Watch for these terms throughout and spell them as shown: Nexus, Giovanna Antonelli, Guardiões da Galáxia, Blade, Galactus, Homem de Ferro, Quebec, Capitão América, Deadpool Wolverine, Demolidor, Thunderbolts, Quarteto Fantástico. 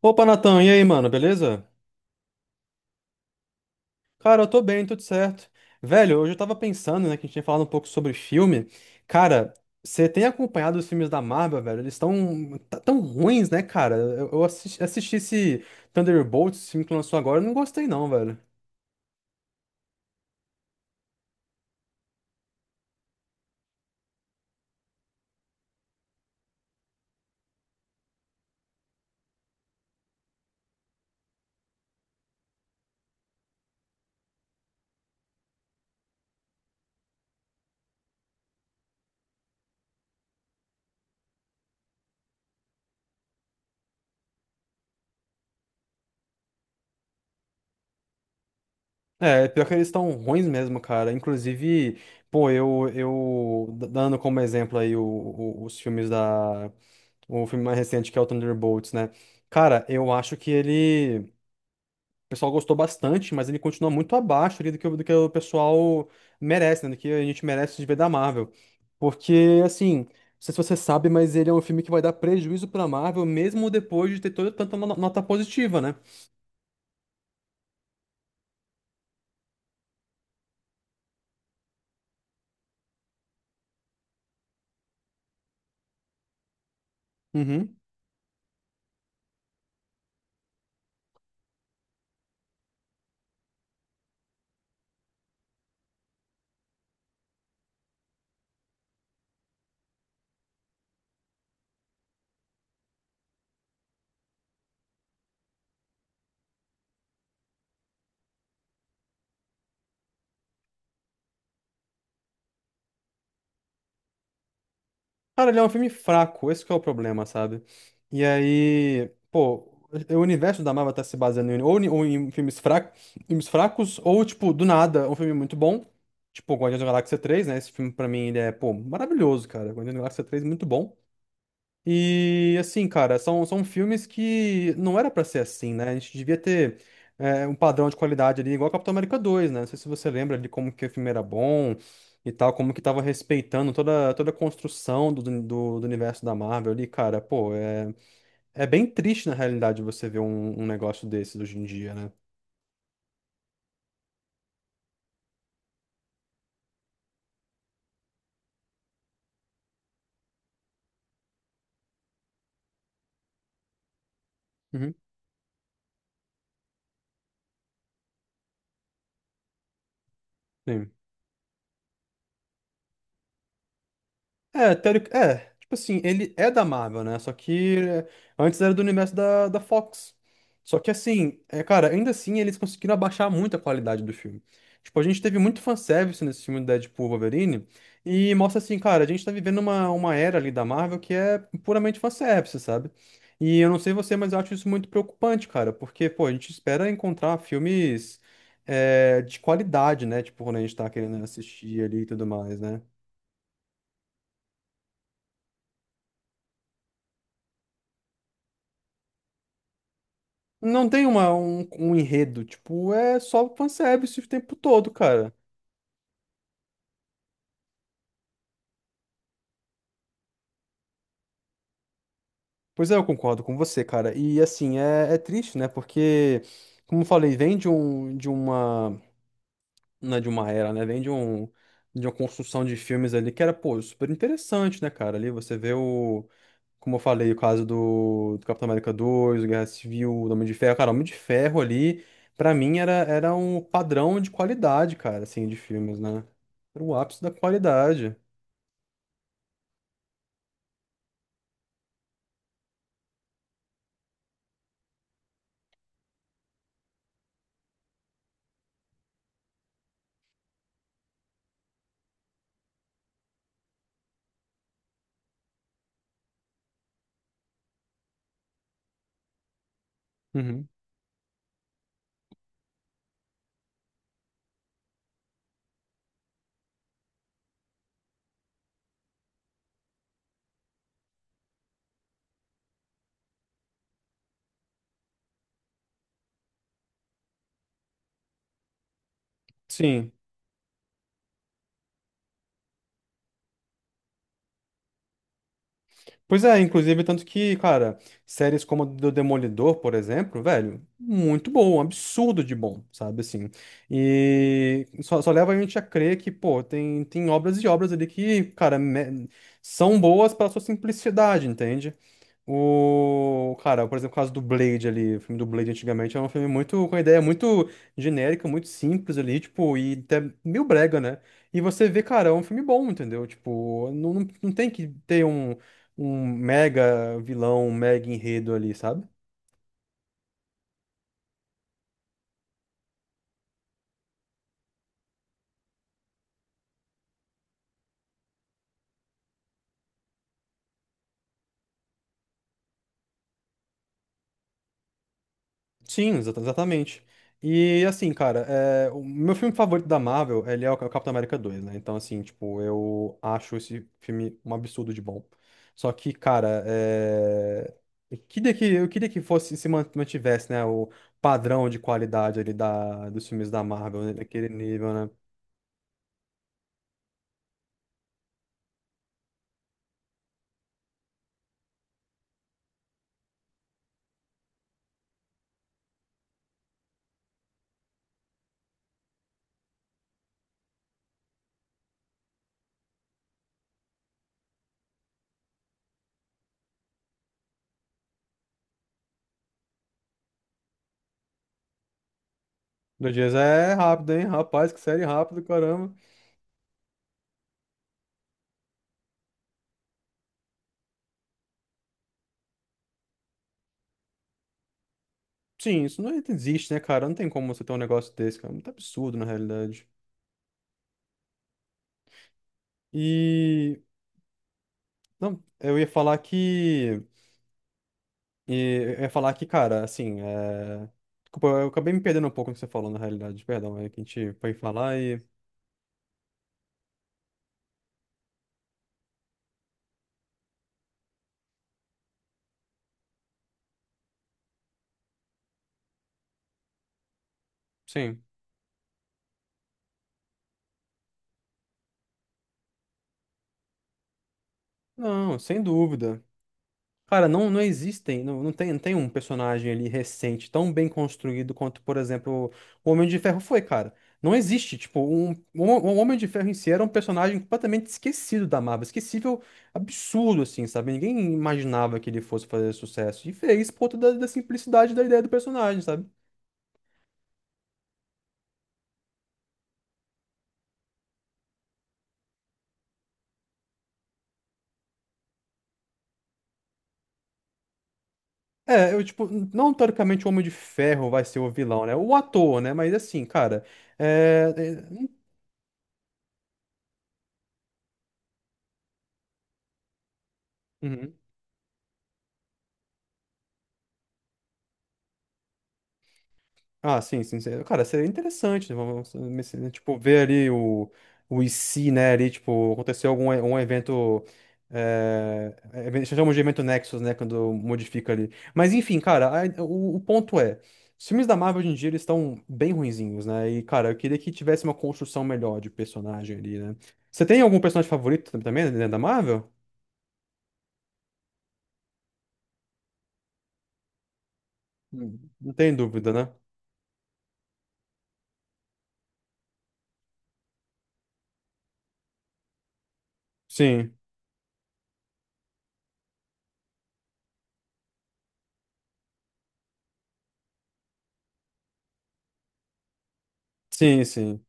Opa, Natan, e aí, mano, beleza? Cara, eu tô bem, tudo certo. Velho, hoje eu tava pensando, né, que a gente tinha falado um pouco sobre filme. Cara, você tem acompanhado os filmes da Marvel, velho? Eles estão tão ruins, né, cara? Eu assisti, assisti esse Thunderbolts, esse filme que lançou agora, eu não gostei não, velho. É, pior que eles estão ruins mesmo, cara. Inclusive, pô, eu, dando como exemplo aí os filmes da... O filme mais recente que é o Thunderbolts, né? Cara, eu acho que ele. O pessoal gostou bastante, mas ele continua muito abaixo ali do que, do que o pessoal merece, né? Do que a gente merece de ver da Marvel. Porque, assim, não sei se você sabe, mas ele é um filme que vai dar prejuízo pra Marvel, mesmo depois de ter toda tanta nota positiva, né? Uhum. Cara, ele é um filme fraco, esse que é o problema, sabe? E aí, pô, o universo da Marvel tá se baseando em, ou, em, ou em filmes fracos, ou, tipo, do nada, um filme muito bom. Tipo, Guardiões da Galáxia 3, né? Esse filme, pra mim, ele é, pô, maravilhoso, cara. Guardiões da Galáxia 3, muito bom. E assim, cara, são, são filmes que não era pra ser assim, né? A gente devia ter é, um padrão de qualidade ali, igual Capitão América dois né? Não sei se você lembra ali como que o filme era bom e tal, como que tava respeitando toda, toda a construção do universo da Marvel ali, cara. Pô, é, é bem triste na realidade você ver um, um negócio desses hoje em dia, né? Uhum, sim. É, teoric... é, tipo assim, ele é da Marvel, né? Só que é, antes era do universo da, da Fox. Só que assim, é, cara, ainda assim eles conseguiram abaixar muito a qualidade do filme. Tipo, a gente teve muito fanservice nesse filme do Deadpool Wolverine e mostra assim, cara, a gente tá vivendo uma era ali da Marvel que é puramente fanservice, sabe? E eu não sei você, mas eu acho isso muito preocupante, cara, porque, pô, a gente espera encontrar filmes é, de qualidade, né? Tipo, quando a gente tá querendo assistir ali e tudo mais, né? Não tem uma, um enredo, tipo, é só fanservice o tempo todo, cara. Pois é, eu concordo com você, cara. E assim, é, é triste, né? Porque, como eu falei, vem de um, de uma, não é de uma era, né? Vem de um, de uma construção de filmes ali que era, pô, super interessante, né, cara? Ali você vê o, como eu falei, o caso do, do Capitão América dois o Guerra Civil, o Homem de Ferro. Cara, o Homem de Ferro ali, pra mim, era, era um padrão de qualidade, cara, assim, de filmes, né? Era o ápice da qualidade. Uhum. Sim. Pois é, inclusive, tanto que, cara, séries como a do Demolidor, por exemplo, velho, muito bom, um absurdo de bom, sabe, assim. E só, só leva a gente a crer que, pô, tem, tem obras e obras ali que, cara, são boas pela sua simplicidade, entende? O. Cara, por exemplo, o caso do Blade ali. O filme do Blade antigamente era um filme muito. Com uma ideia muito genérica, muito simples ali, tipo, e até meio brega, né? E você vê, cara, é um filme bom, entendeu? Tipo, não tem que ter um, um mega vilão, um mega enredo ali, sabe? Sim, exatamente. E assim, cara, é, o meu filme favorito da Marvel, ele é o Capitão América dois né? Então, assim, tipo, eu acho esse filme um absurdo de bom. Só que, cara, é... eu queria que fosse, se man- mantivesse, né, o padrão de qualidade ali da, dos filmes da Marvel, né? Daquele nível, né? Dois dias é rápido, hein? Rapaz, que série rápida, caramba. Sim, isso não existe, né, cara? Não tem como você ter um negócio desse, cara. É muito absurdo, na realidade. E não, eu ia falar que. Eu ia falar que, cara, assim. É... Desculpa, eu acabei me perdendo um pouco no que você falou, na realidade. Perdão, é que a gente foi falar e. Sim. Não, sem dúvida. Cara, não, não existem, não, não tem, não tem um personagem ali recente tão bem construído quanto, por exemplo, o Homem de Ferro foi, cara. Não existe, tipo, um, o Homem de Ferro em si era um personagem completamente esquecido da Marvel, esquecível, absurdo, assim, sabe? Ninguém imaginava que ele fosse fazer sucesso. E fez por conta da, da simplicidade da ideia do personagem, sabe? É, eu, tipo, não teoricamente o Homem de Ferro vai ser o vilão, né? O ator, né? Mas assim, cara, é... Uhum. Ah, sim, sim, sim. Cara, seria interessante, né? Vamos, vamos, assim, tipo, ver ali o IC, né? Ali, tipo, aconteceu algum um evento. É, chamamos de evento Nexus, né? Quando modifica ali. Mas enfim, cara, o ponto é: os filmes da Marvel hoje em dia eles estão bem ruinzinhos, né? E, cara, eu queria que tivesse uma construção melhor de personagem ali, né? Você tem algum personagem favorito também, né, da Marvel? Hum. Não tem dúvida, né? Sim, sim, sim.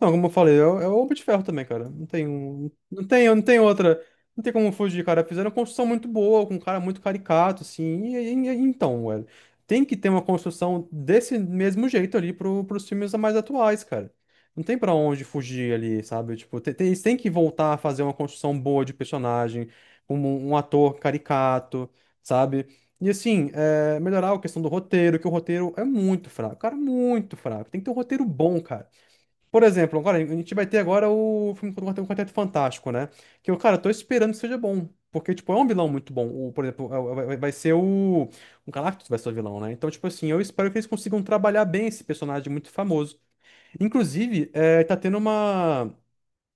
Não, como eu falei, é, o é o Homem de Ferro também, cara. Não tem um, não tem, não tem outra, não tem como fugir, cara. Fizeram uma construção muito boa, com um cara muito caricato, assim. Então, velho, tem que ter uma construção desse mesmo jeito ali pro, pros filmes mais atuais, cara. Não tem pra onde fugir ali, sabe? Tipo, tem, tem, eles têm que voltar a fazer uma construção boa de personagem, como um ator caricato, sabe? E assim, é, melhorar a questão do roteiro, que o roteiro é muito fraco, cara, muito fraco. Tem que ter um roteiro bom, cara. Por exemplo, agora, a gente vai ter agora o filme do Quarteto Fantástico, né? Que eu, cara, eu tô esperando que seja bom. Porque, tipo, é um vilão muito bom. O, por exemplo, é vai ser o Galactus vai ser o vilão, né? Então, tipo assim, eu espero que eles consigam trabalhar bem esse personagem muito famoso. Inclusive, é, tá tendo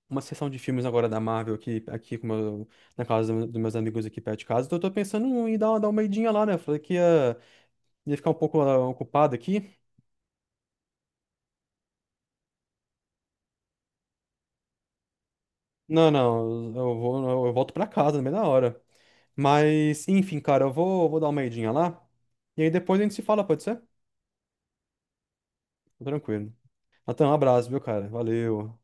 uma sessão de filmes agora da Marvel aqui, aqui com na casa dos meus amigos aqui perto de casa. Então, eu tô pensando em dar, dar uma idinha lá, né? Eu falei que ia, ia ficar um pouco ah, ocupado aqui. Não, não, eu vou, eu volto pra casa, no meio da hora. Mas, enfim, cara, eu vou, vou dar uma idinha lá. E aí depois a gente se fala, pode ser? Tô tranquilo. Natan, um abraço, viu, cara? Valeu.